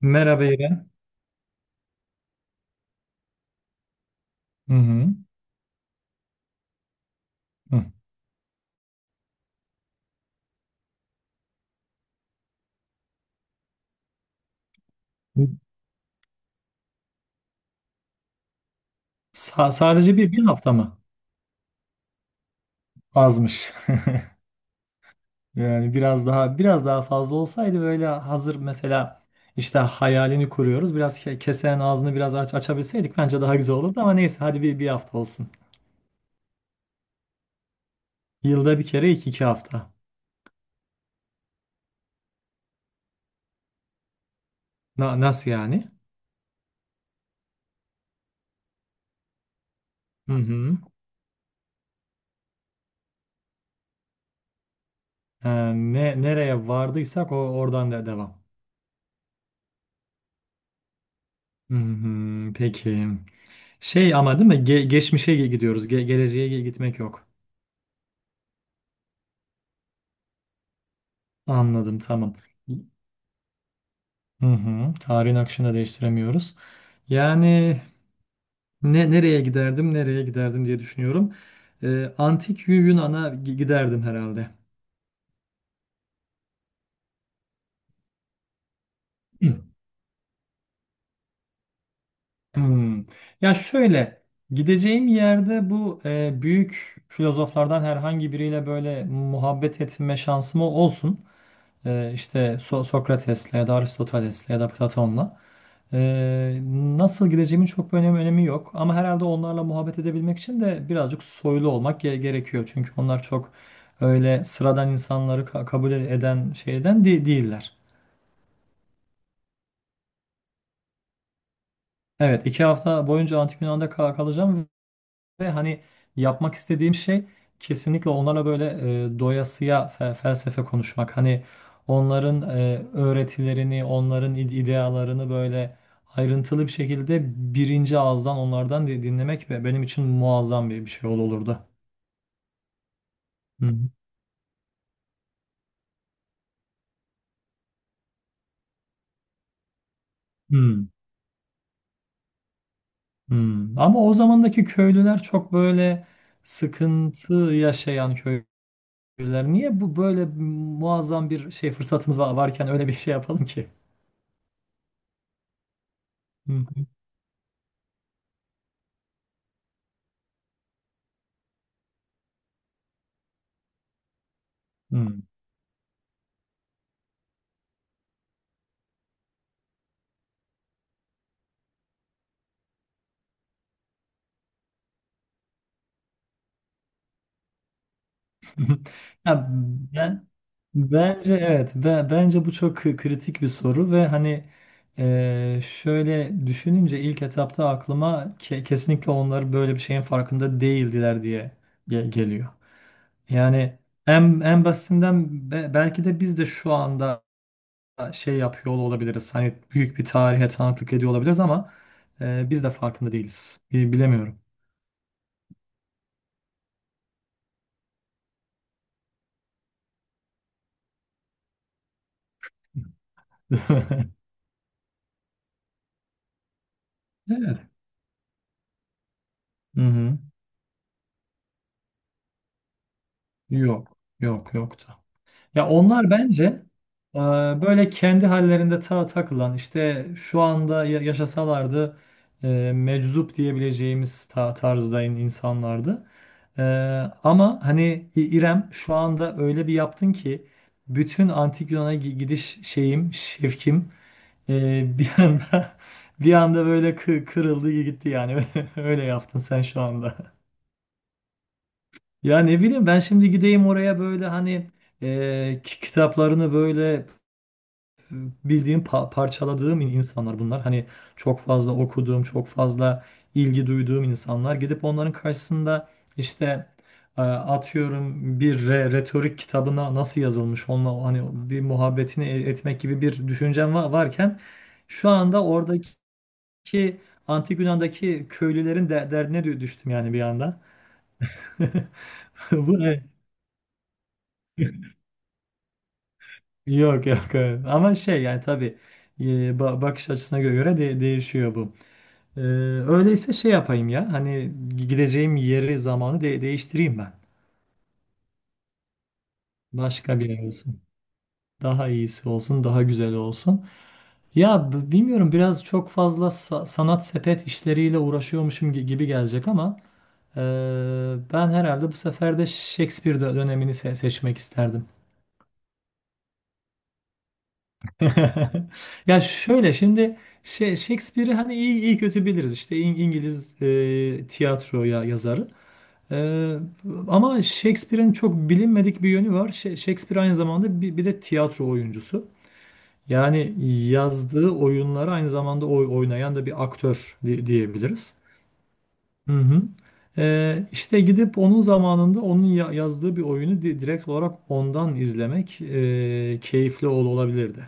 Merhaba İrem. Hı hı. Hı. Sadece bir hafta mı? Azmış. Yani biraz daha fazla olsaydı böyle hazır mesela işte hayalini kuruyoruz. Biraz kesenin ağzını biraz açabilseydik bence daha güzel olurdu ama neyse hadi bir, bir hafta olsun. Yılda bir kere iki hafta. Nasıl yani? Hı hı. Ne Nereye vardıysak oradan da devam. Hı hı, peki. Şey ama değil mi? Geçmişe gidiyoruz. Geleceğe gitmek yok. Anladım, tamam. Hı hı. Tarihin akışını da değiştiremiyoruz. Yani ne nereye giderdim nereye giderdim diye düşünüyorum. Antik Yunan'a giderdim herhalde. Hı. Hmm. Ya şöyle, gideceğim yerde bu büyük filozoflardan herhangi biriyle böyle muhabbet etme şansım olsun. İşte Sokrates'le ya da Aristoteles'le ya da Platon'la. Ee, Nasıl gideceğimin çok bir önemi yok. Ama herhalde onlarla muhabbet edebilmek için de birazcık soylu olmak gerekiyor. Çünkü onlar çok öyle sıradan insanları kabul eden şeyden değiller. Evet, iki hafta boyunca Antik Yunan'da kalacağım. Ve hani yapmak istediğim şey kesinlikle onlara böyle, doyasıya felsefe konuşmak. Hani onların öğretilerini, onların idealarını böyle ayrıntılı bir şekilde birinci ağızdan onlardan dinlemek ve benim için muazzam bir, bir şey olurdu. Hı hı. Hmm, hmm. Ama o zamandaki köylüler çok böyle sıkıntı yaşayan köylüler. Niye bu böyle muazzam bir şey fırsatımız varken öyle bir şey yapalım ki? Hı hı. Hı. Ya ben, bence bu çok kritik bir soru ve hani, şöyle düşününce ilk etapta aklıma ke- kesinlikle onlar böyle bir şeyin farkında değildiler diye geliyor. Yani en basitinden belki de biz de şu anda şey yapıyor olabiliriz. Hani büyük bir tarihe tanıklık ediyor olabiliriz ama biz de farkında değiliz. Bilemiyorum. Evet. Hı hı. Yok. Yoktu. Ya onlar bence e, böyle kendi hallerinde takılan işte şu anda yaşasalardı meczup diyebileceğimiz tarzda insanlardı. E, Ama hani İrem şu anda öyle bir yaptın ki bütün antik Yunan'a gidiş şevkim bir bir anda böyle kırıldı gitti yani. Öyle yaptın sen şu anda. Ya ne bileyim, ben şimdi gideyim oraya böyle hani, kitaplarını böyle bildiğim, parçaladığım insanlar bunlar. Hani çok fazla okuduğum, çok fazla ilgi duyduğum insanlar. Gidip onların karşısında işte, atıyorum bir retorik kitabına nasıl yazılmış onunla hani bir muhabbetini etmek gibi bir düşüncem varken şu anda oradaki Antik Yunan'daki köylülerin de derdine düştüm yani bir anda. Bu ne? Yok evet. Ama şey yani tabii, bakış açısına göre de değişiyor bu. Ee, Öyleyse şey yapayım ya. Hani gideceğim yeri zamanı değiştireyim ben. Başka bir yer olsun. Daha iyisi olsun, daha güzel olsun. Ya bilmiyorum, biraz çok fazla sanat sepet işleriyle uğraşıyormuşum gibi gelecek ama, e, ben herhalde bu sefer de Shakespeare dönemini seçmek isterdim. Ya şöyle şimdi şey, Shakespeare'i hani iyi kötü biliriz. İşte İngiliz tiyatroya yazarı. Ee, Ama Shakespeare'in çok bilinmedik bir yönü var. Shakespeare aynı zamanda bir, bir de tiyatro oyuncusu. Yani yazdığı oyunları aynı zamanda oynayan da bir aktör diyebiliriz. Hı hı. İşte gidip onun zamanında onun yazdığı bir oyunu direkt olarak ondan izlemek keyifli olabilirdi.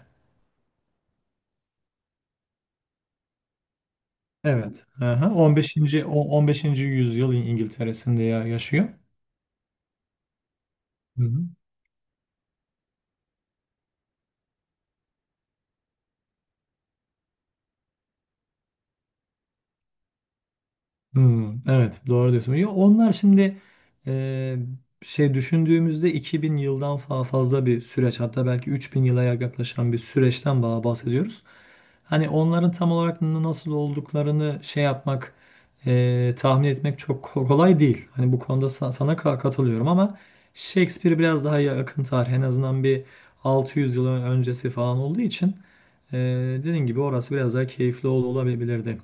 Evet. Aha. 15. yüzyıl İngiltere'sinde yaşıyor. Hı hı. Hmm, evet doğru diyorsun. Ya onlar şimdi, e, şey düşündüğümüzde 2000 yıldan fazla bir süreç, hatta belki 3000 yıla yaklaşan bir süreçten bahsediyoruz. Hani onların tam olarak nasıl olduklarını şey yapmak, tahmin etmek çok kolay değil. Hani bu konuda sana katılıyorum ama Shakespeare biraz daha yakın tarih, en azından bir 600 yıl öncesi falan olduğu için e, dediğin gibi orası biraz daha keyifli olabilirdi.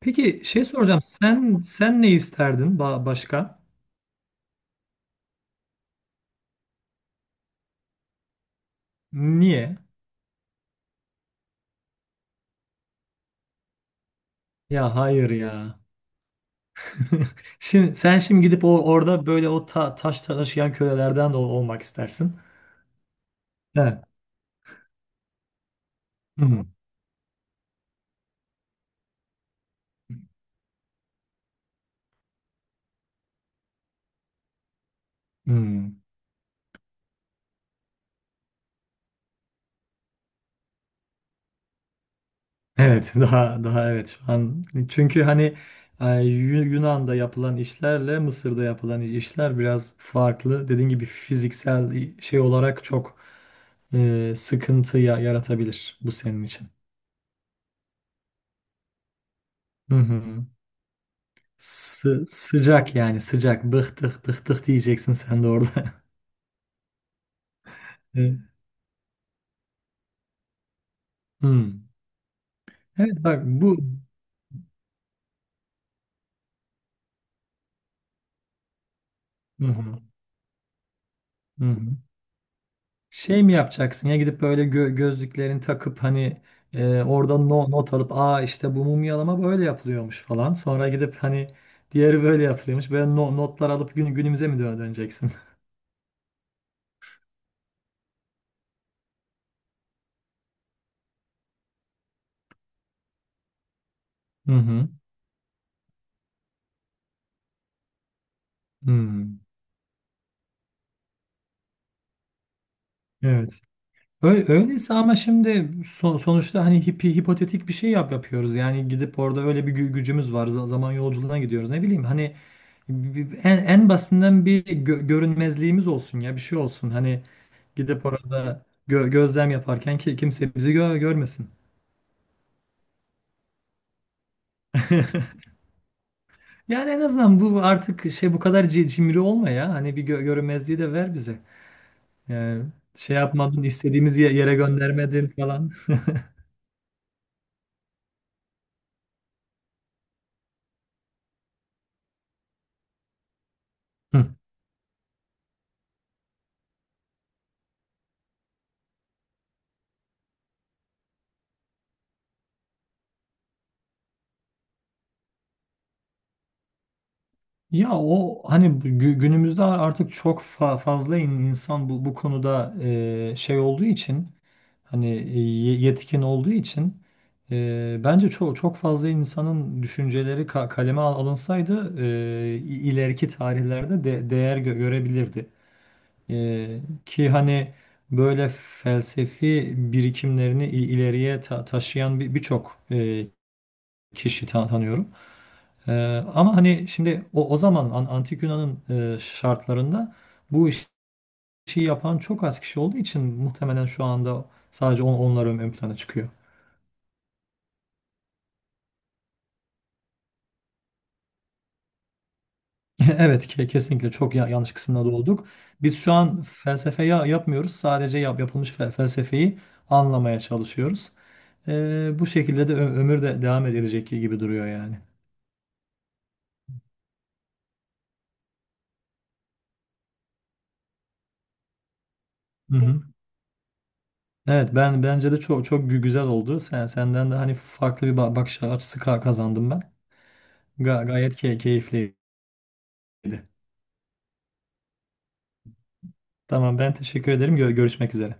Peki şey soracağım. Sen ne isterdin başka? Niye? Ya hayır ya. Şimdi şimdi gidip orada böyle o taş taşıyan kölelerden de olmak istersin. Evet. Hmm, hmm. Evet daha daha evet şu an, çünkü hani Yunan'da yapılan işlerle Mısır'da yapılan işler biraz farklı. Dediğin gibi fiziksel şey olarak çok sıkıntı yaratabilir bu senin için. Hı hı. Sıcak yani sıcak. Bıktık diyeceksin sen de orada. Evet. Hmm. Evet bak bu. Hı hı, hı hı. Şey mi yapacaksın ya, gidip böyle gözlüklerini takıp hani, orada not alıp aa işte bu mumyalama böyle yapılıyormuş falan. Sonra gidip hani diğeri böyle yapılıyormuş. Böyle notlar alıp günümüze mi döneceksin? Hı hı. Hmm. Evet. Öyle, öyleyse ama şimdi sonuçta hani hipotetik bir şey yapıyoruz. Yani gidip orada öyle bir gücümüz var. Zaman yolculuğuna gidiyoruz. Ne bileyim, hani en basitinden bir görünmezliğimiz olsun ya bir şey olsun. Hani gidip orada gözlem yaparken ki kimse bizi görmesin. Yani en azından bu artık şey, bu kadar cimri olma ya. Hani bir görünmezliği de ver bize. Yani şey yapmadın, istediğimiz yere göndermedin falan. Ya o hani günümüzde artık çok fazla insan bu konuda şey olduğu için hani, yetkin olduğu için bence çok fazla insanın düşünceleri kaleme alınsaydı ileriki tarihlerde de değer görebilirdi. Ki hani böyle felsefi birikimlerini ileriye taşıyan bir birçok kişi tanıyorum. Ee, Ama hani şimdi o zaman Antik Yunan'ın şartlarında bu iş- işi yapan çok az kişi olduğu için muhtemelen şu anda sadece onlar ön plana çıkıyor. Evet ke- kesinlikle çok yanlış kısmına doğduk. Biz şu an felsefe yapmıyoruz. Sadece yapılmış felsefeyi anlamaya çalışıyoruz. Bu şekilde de ömür de devam edilecek gibi duruyor yani. Hı hı. Evet ben bence de çok çok güzel oldu. Senden de hani farklı bir bakış açısı kazandım ben. Gayet keyifli. Tamam ben teşekkür ederim. Görüşmek üzere.